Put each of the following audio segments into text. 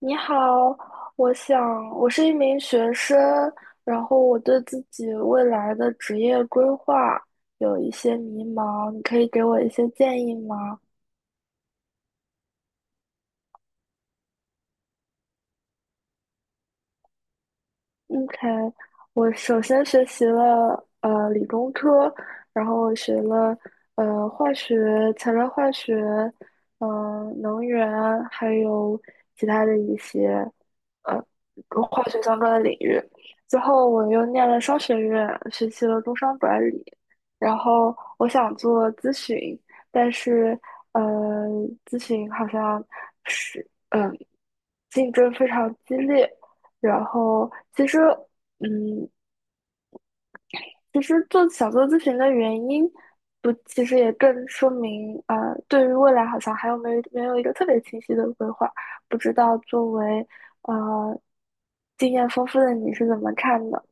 你好，我想我是一名学生，然后我对自己未来的职业规划有一些迷茫，你可以给我一些建议吗？OK，我首先学习了理工科，然后我学了化学、材料化学，能源，还有其他的一些呃跟化学相关的领域。最后我又念了商学院，学习了工商管理。然后我想做咨询，但是呃咨询好像是嗯、竞争非常激烈。然后其实，嗯，其实想做咨询的原因，不，其实也更说明，啊，对于未来好像还没有一个特别清晰的规划，不知道作为呃经验丰富的你是怎么看的？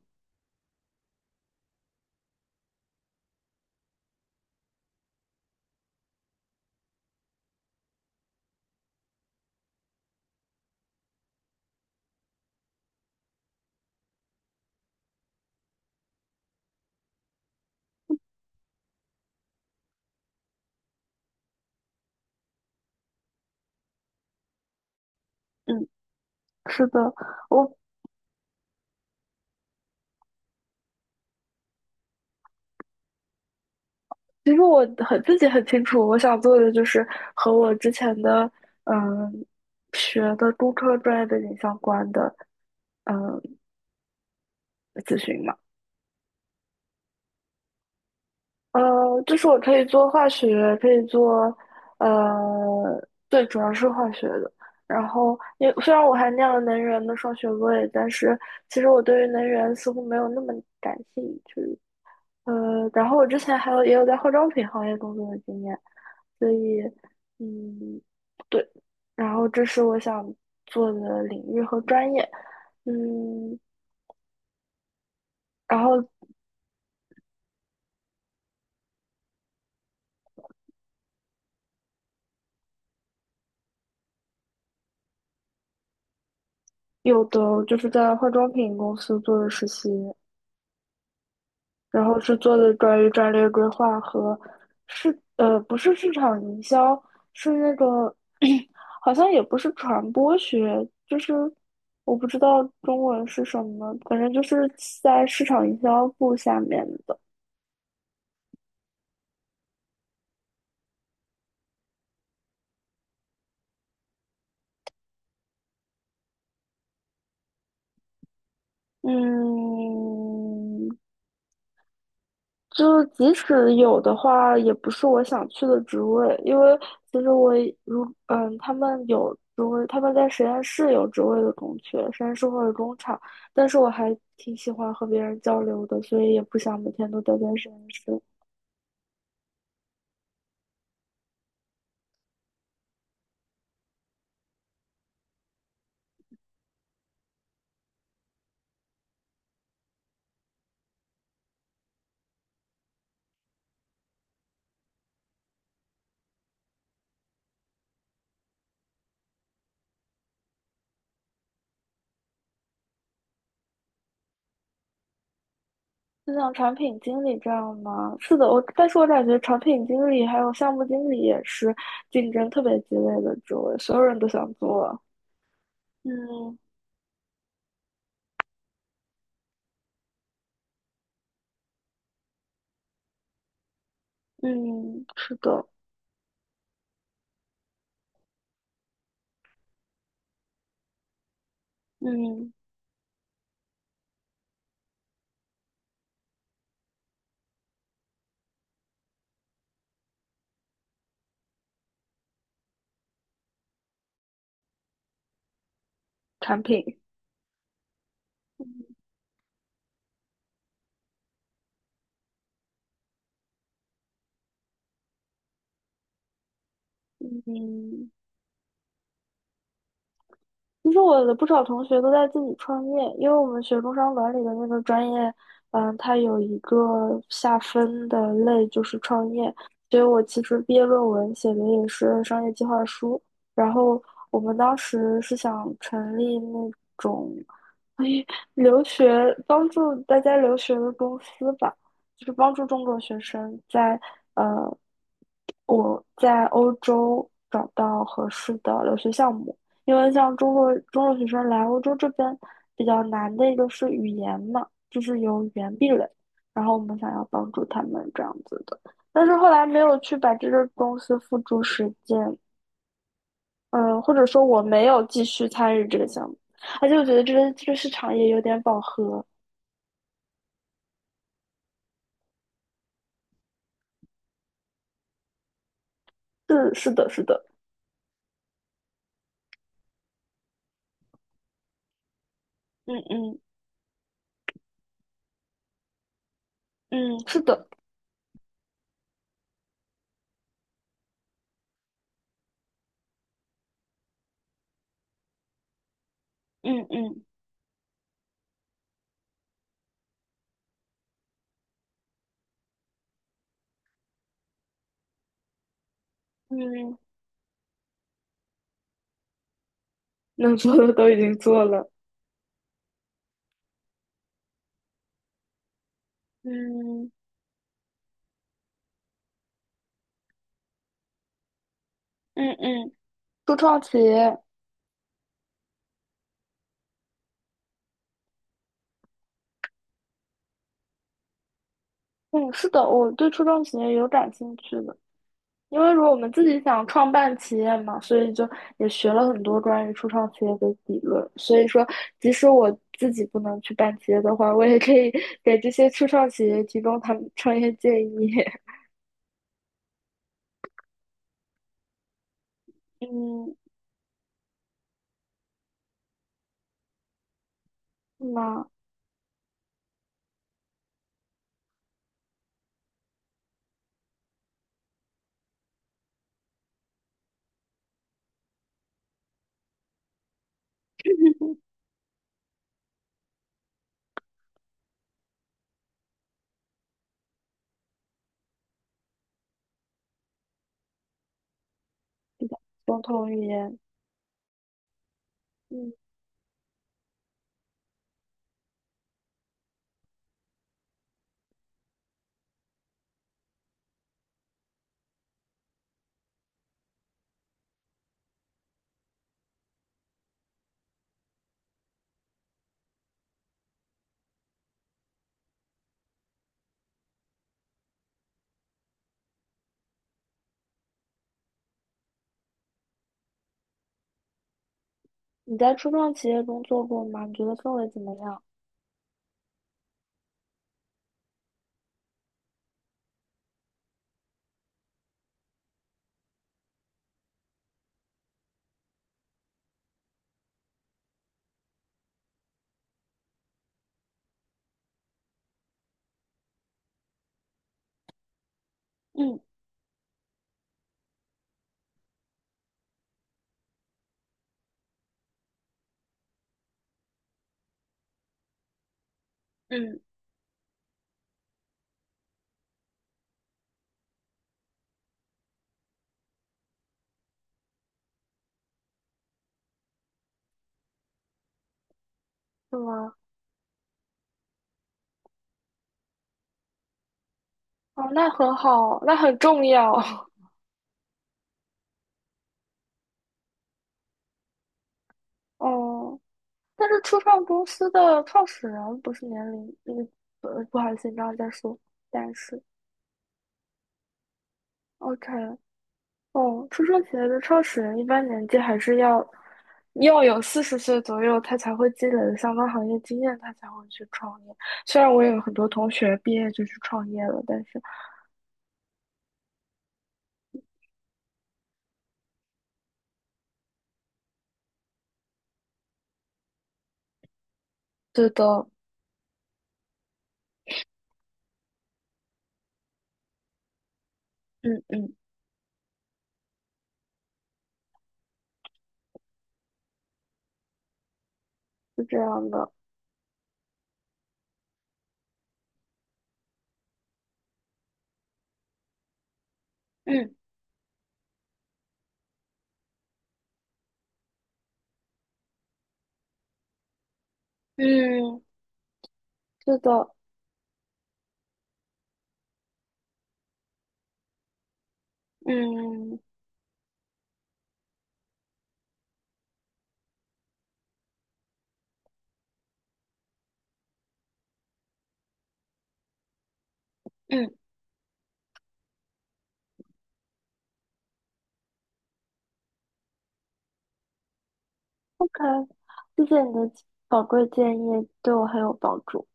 嗯，是的，我其实我很自己很清楚，我想做的就是和我之前的嗯学的工科专业背景相关的嗯咨询嘛。呃，就是我可以做化学，可以做，呃，对，主要是化学的。然后也虽然我还念了能源的双学位，但是其实我对于能源似乎没有那么感兴趣。呃，然后我之前还有也有在化妆品行业工作的经验，所以嗯，对，然后这是我想做的领域和专业，嗯，然后有的就是在化妆品公司做的实习，然后是做的关于战略规划和不是市场营销，是那个 好像也不是传播学，就是我不知道中文是什么，反正就是在市场营销部下面的。嗯，就是即使有的话，也不是我想去的职位，因为其实我他们有职位，他们在实验室有职位的空缺，实验室或者工厂，但是我还挺喜欢和别人交流的，所以也不想每天都待在实验室。就像产品经理这样吗？是的，但是我感觉产品经理还有项目经理也是竞争特别激烈的职位，所有人都想做。嗯嗯，是的，嗯，产品，嗯。其实我的不少同学都在自己创业，因为我们学工商管理的那个专业，嗯，它有一个下分的类就是创业，所以我其实毕业论文写的也是商业计划书。然后我们当时是想成立那种。留学帮助大家留学的公司吧，就是帮助中国学生在呃在欧洲找到合适的留学项目，因为像中国学生来欧洲这边比较难的一个是语言嘛，就是有语言壁垒，然后我们想要帮助他们这样子的，但是后来没有去把这个公司付诸实践，嗯，或者说我没有继续参与这个项目，而且我觉得这个市场也有点饱和。是是的，是的，嗯嗯嗯是的，嗯嗯嗯能做的都已经做了。嗯嗯嗯初创企业，嗯，是的，我对初创企业有感兴趣的，因为如果我们自己想创办企业嘛，所以就也学了很多关于初创企业的理论。所以说，即使我自己不能去办企业的话，我也可以 给这些初创企业提供他们创业建议。嗯，是吗？比较共同语言，嗯。你在初创企业中做过吗？你觉得氛围怎么样？嗯嗯，是吗？哦，那很好，那很重要。哦，但是初创公司的创始人不是年龄，嗯，呃，不好意思，你刚刚在说，但是，OK，哦，初创企业的创始人一般年纪还是要有40岁左右，他才会积累的相关行业经验，他才会去创业。虽然我也有很多同学毕业就去创业了，但是对的，嗯嗯，是这样的。嗯。嗯，是的，嗯嗯，OK，谢谢你的宝贵建议，对我很有帮助。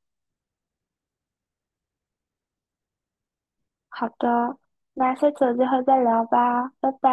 好的，那下次有机会再聊吧，拜拜。